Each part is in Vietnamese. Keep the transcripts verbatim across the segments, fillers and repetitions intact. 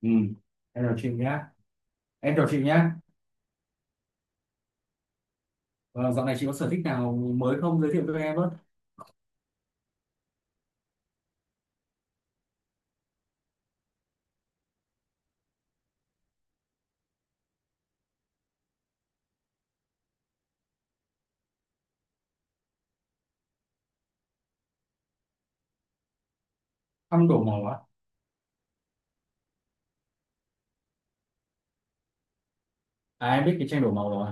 Ừ, em chào chị nhá. Em chào chị nhá. Ờ, dạo này chị có sở thích nào mới không? Giới thiệu cho em với? Thăm đổ màu á. À, em biết cái tranh đổ màu rồi.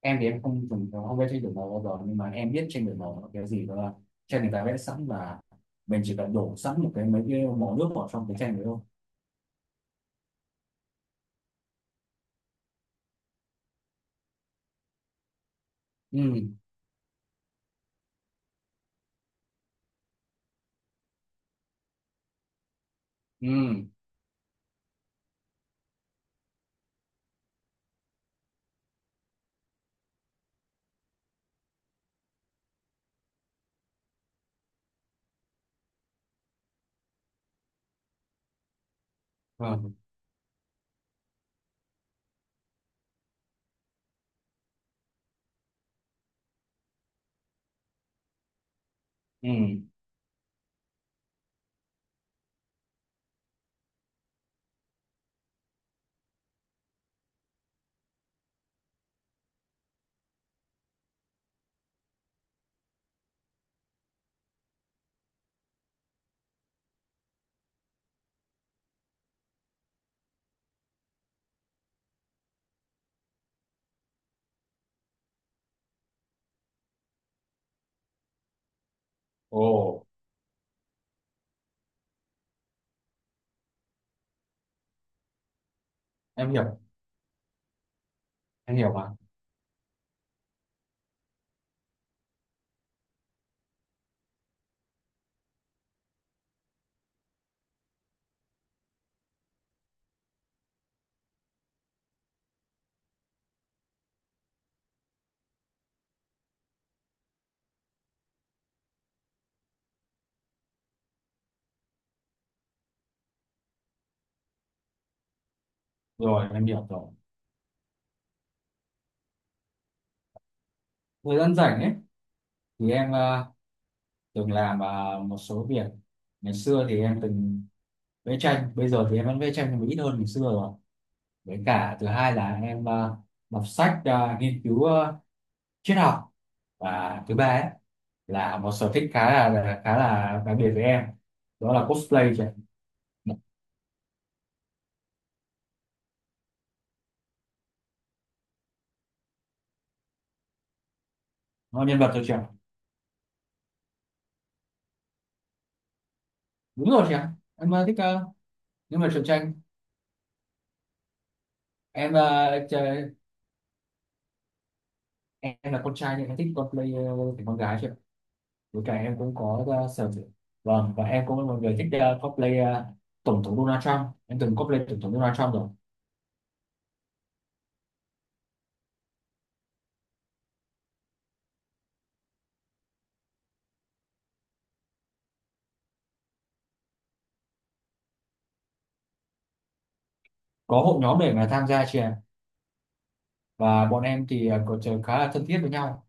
Em thì em không từng không vẽ tranh đổ màu bao giờ, nhưng mà em biết tranh đổ màu là cái gì đó, là tranh người ta vẽ sẵn và mình chỉ cần đổ sẵn một cái mấy cái màu nước vào trong cái tranh đấy thôi. Ừ, ừ, vâng, ừ. Ồ, em hiểu, em hiểu mà. Rồi, em hiểu rồi. Thời gian rảnh ấy thì em ờ, từng làm à, một số việc. Ngày xưa thì em từng vẽ tranh, bây giờ thì em vẫn vẽ tranh nhưng mà ít hơn ngày xưa rồi. Với cả thứ hai là em à, đọc sách, à, nghiên cứu à, triết học. Và thứ ba ấy, là một sở thích khá là là- khá là đặc biệt với em, đó là cosplay chị ạ. Nó nhân vật thôi chị ạ. Đúng rồi chị ạ. Em ờ, thích uh, nhân vật truyện tranh. em ờ, chơi- em là con trai nên em thích cosplay uh, con gái chị ạ. Bữa cả em cũng có ờ, sở... Vâng, và em cũng là một người thích ờ, cosplay, ờ, tổng thống Donald Trump. Em từng cosplay tổng thống Donald Trump rồi. Có hội nhóm để mà tham gia chị ạ. Và bọn em thì ờ, có trở khá là thân thiết với nhau.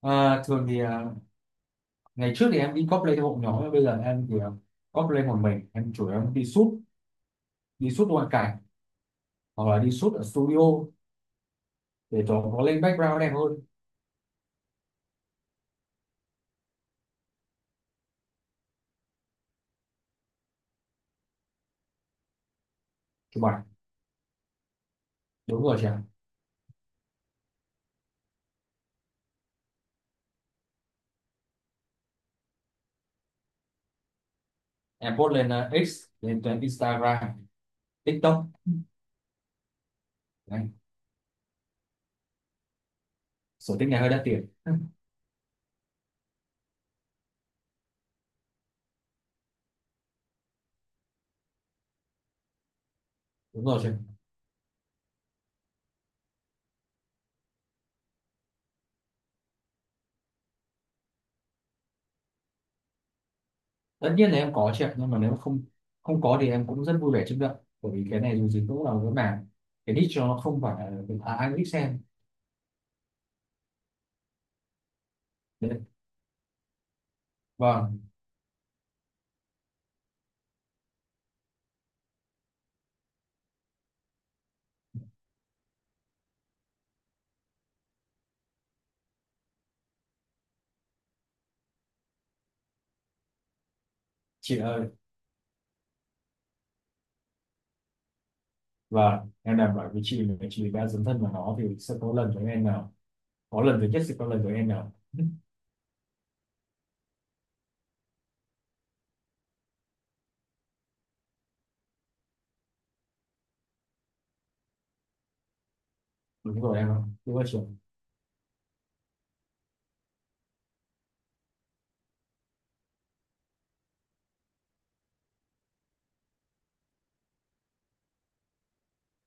Ờ, thường thì ờ, ngày trước thì em đi cosplay theo hội nhóm, nhưng bây giờ em thì ờ, cosplay một mình. Em chủ yếu em đi shoot, đi shoot ngoại cảnh hoặc là đi shoot ở studio để cho nó lên background đẹp hơn. Chụp ảnh. Đúng rồi chị ạ. Em post lên ờ, X, lên Instagram, TikTok. Đấy, sở thích này hơi đắt tiền đúng rồi chị ạ. Tất nhiên là em có chị ạ, nhưng mà nếu mà không không có thì em cũng rất vui vẻ chấp nhận. Bởi vì cái này dù gì cũng là một cái mảng, cái niche cho nó, không phải là à, ai cũng thích xem. Đấy. Vâng. Chị ơi, và em đảm bảo với chị là chị đã dấn thân vào nó thì sẽ có lần với em nào, có lần với nhất sẽ có lần với em nào đúng rồi em ạ, đúng rồi chị ạ.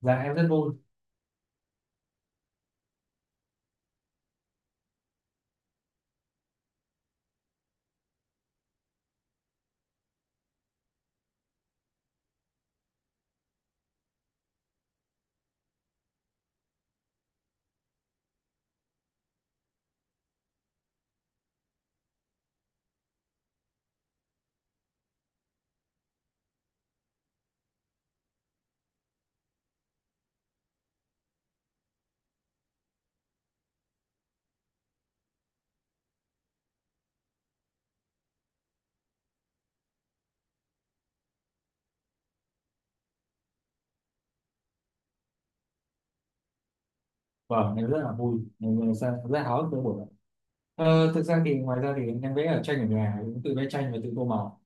Dạ em rất vui. Vâng, em rất là vui, em rất, rất háo hức với buổi này. Ờ, thực ra thì ngoài ra thì em vẽ ở tranh ở nhà, cũng tự vẽ tranh và tự tô màu.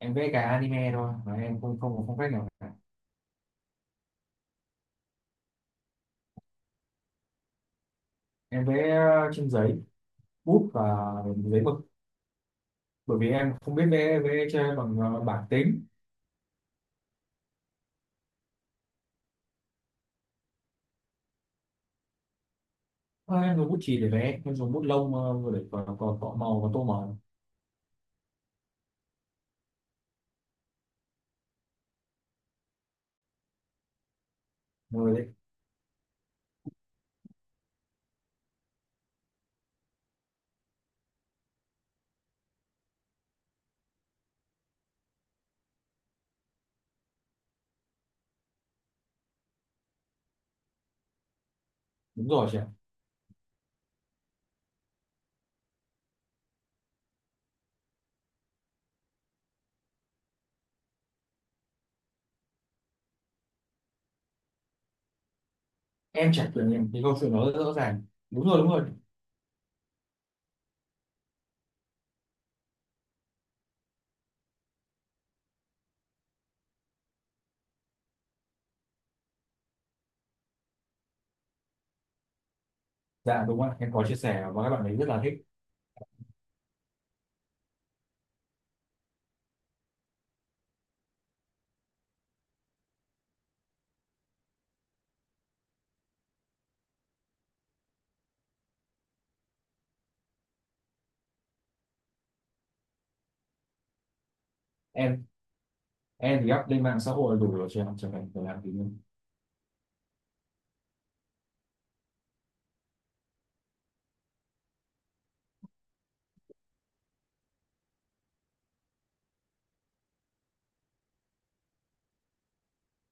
Em vẽ cả anime thôi, mà em không không không phép nào cả. Em vẽ trên giấy, bút và giấy mực, bởi vì em không biết vẽ, vẽ tre bằng ờ, bảng tính. Thôi, em dùng bút chì để vẽ, em dùng bút lông, ờ, vừa để cọ, cọ, cọ màu và tô màu. Rồi đấy, đúng rồi chị ạ. Em trải nghiệm những cái câu chuyện đó rất rõ ràng. Đúng rồi, đúng rồi. Dạ đúng rồi, em có chia sẻ và các bạn ấy rất là thích. Em em thì up lên mạng xã hội là đủ rồi chị ạ, chẳng cần phải làm gì nữa.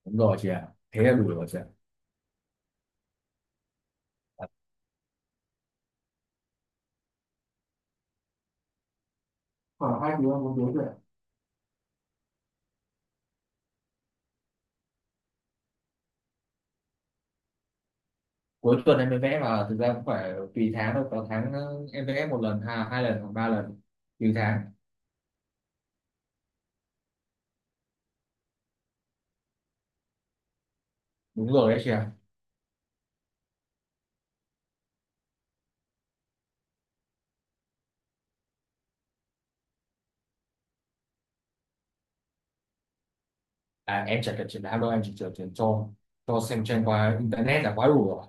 Đúng rồi chị ạ, thế là đủ rồi chị ạ. Khoảng hai tiếng muốn đối rồi ạ. Cuối tuần em mới vẽ, mà thực ra cũng phải tùy tháng. Đâu có tháng ờ, em vẽ một lần, à, hai lần hoặc ba lần, tùy tháng. Đúng rồi đấy chị ạ. À, em chỉ cần chuyển alo, em chỉ cần chuyển cho cho xem trên qua internet là quá đủ rồi.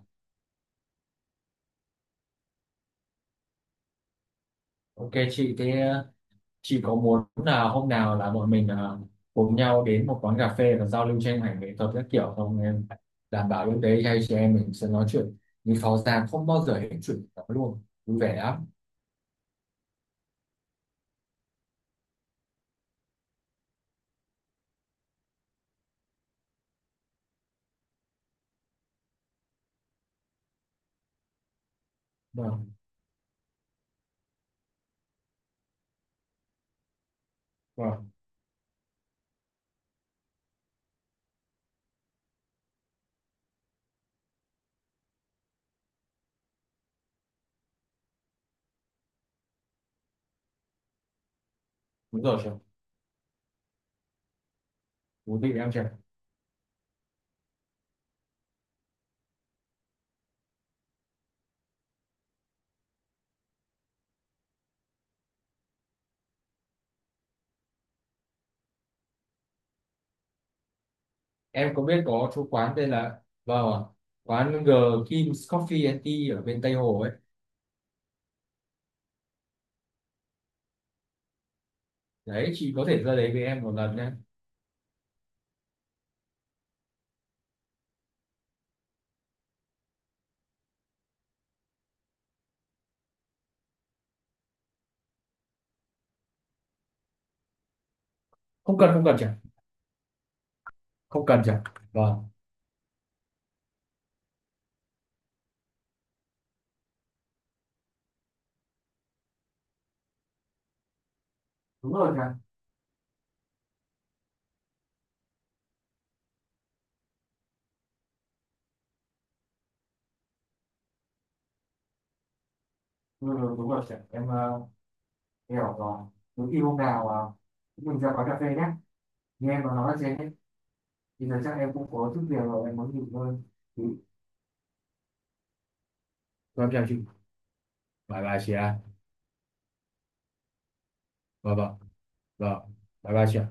OK chị. Thế ờ, chị có muốn là hôm nào là bọn mình ờ, cùng nhau đến một quán cà phê và giao lưu tranh ảnh nghệ thuật các kiểu không em? Đảm bảo lúc đấy hai chị em mình sẽ nói chuyện, nhưng pháo ra không bao giờ hết chuyện cả, luôn vui vẻ lắm. Vâng, vâng. Đúng rồi chị. Thú vị em chị. Em có biết có chỗ quán tên là, vâng ạ, quán G, Kim's Coffee and Tea ở bên Tây Hồ ấy. Đấy, chị có thể ra đấy với em một lần nhé. Không cần, không cần chị ạ. Không cần chị ạ. Vâng. Đúng rồi cả. Ừ, đúng rồi, đúng rồi chị ạ. Em uh, hiểu rồi. Nếu khi hôm nào ờ, chúng mình ra quán cà phê nhé. Nghe em nó nói là trên ấy thì thật ra em cũng có chút việc, rồi em muốn nghỉ ngơi thì. Vâng, chào chị. Bye bye chị ạ. Vâng, vâng. Vâng. Bye bye chị ạ.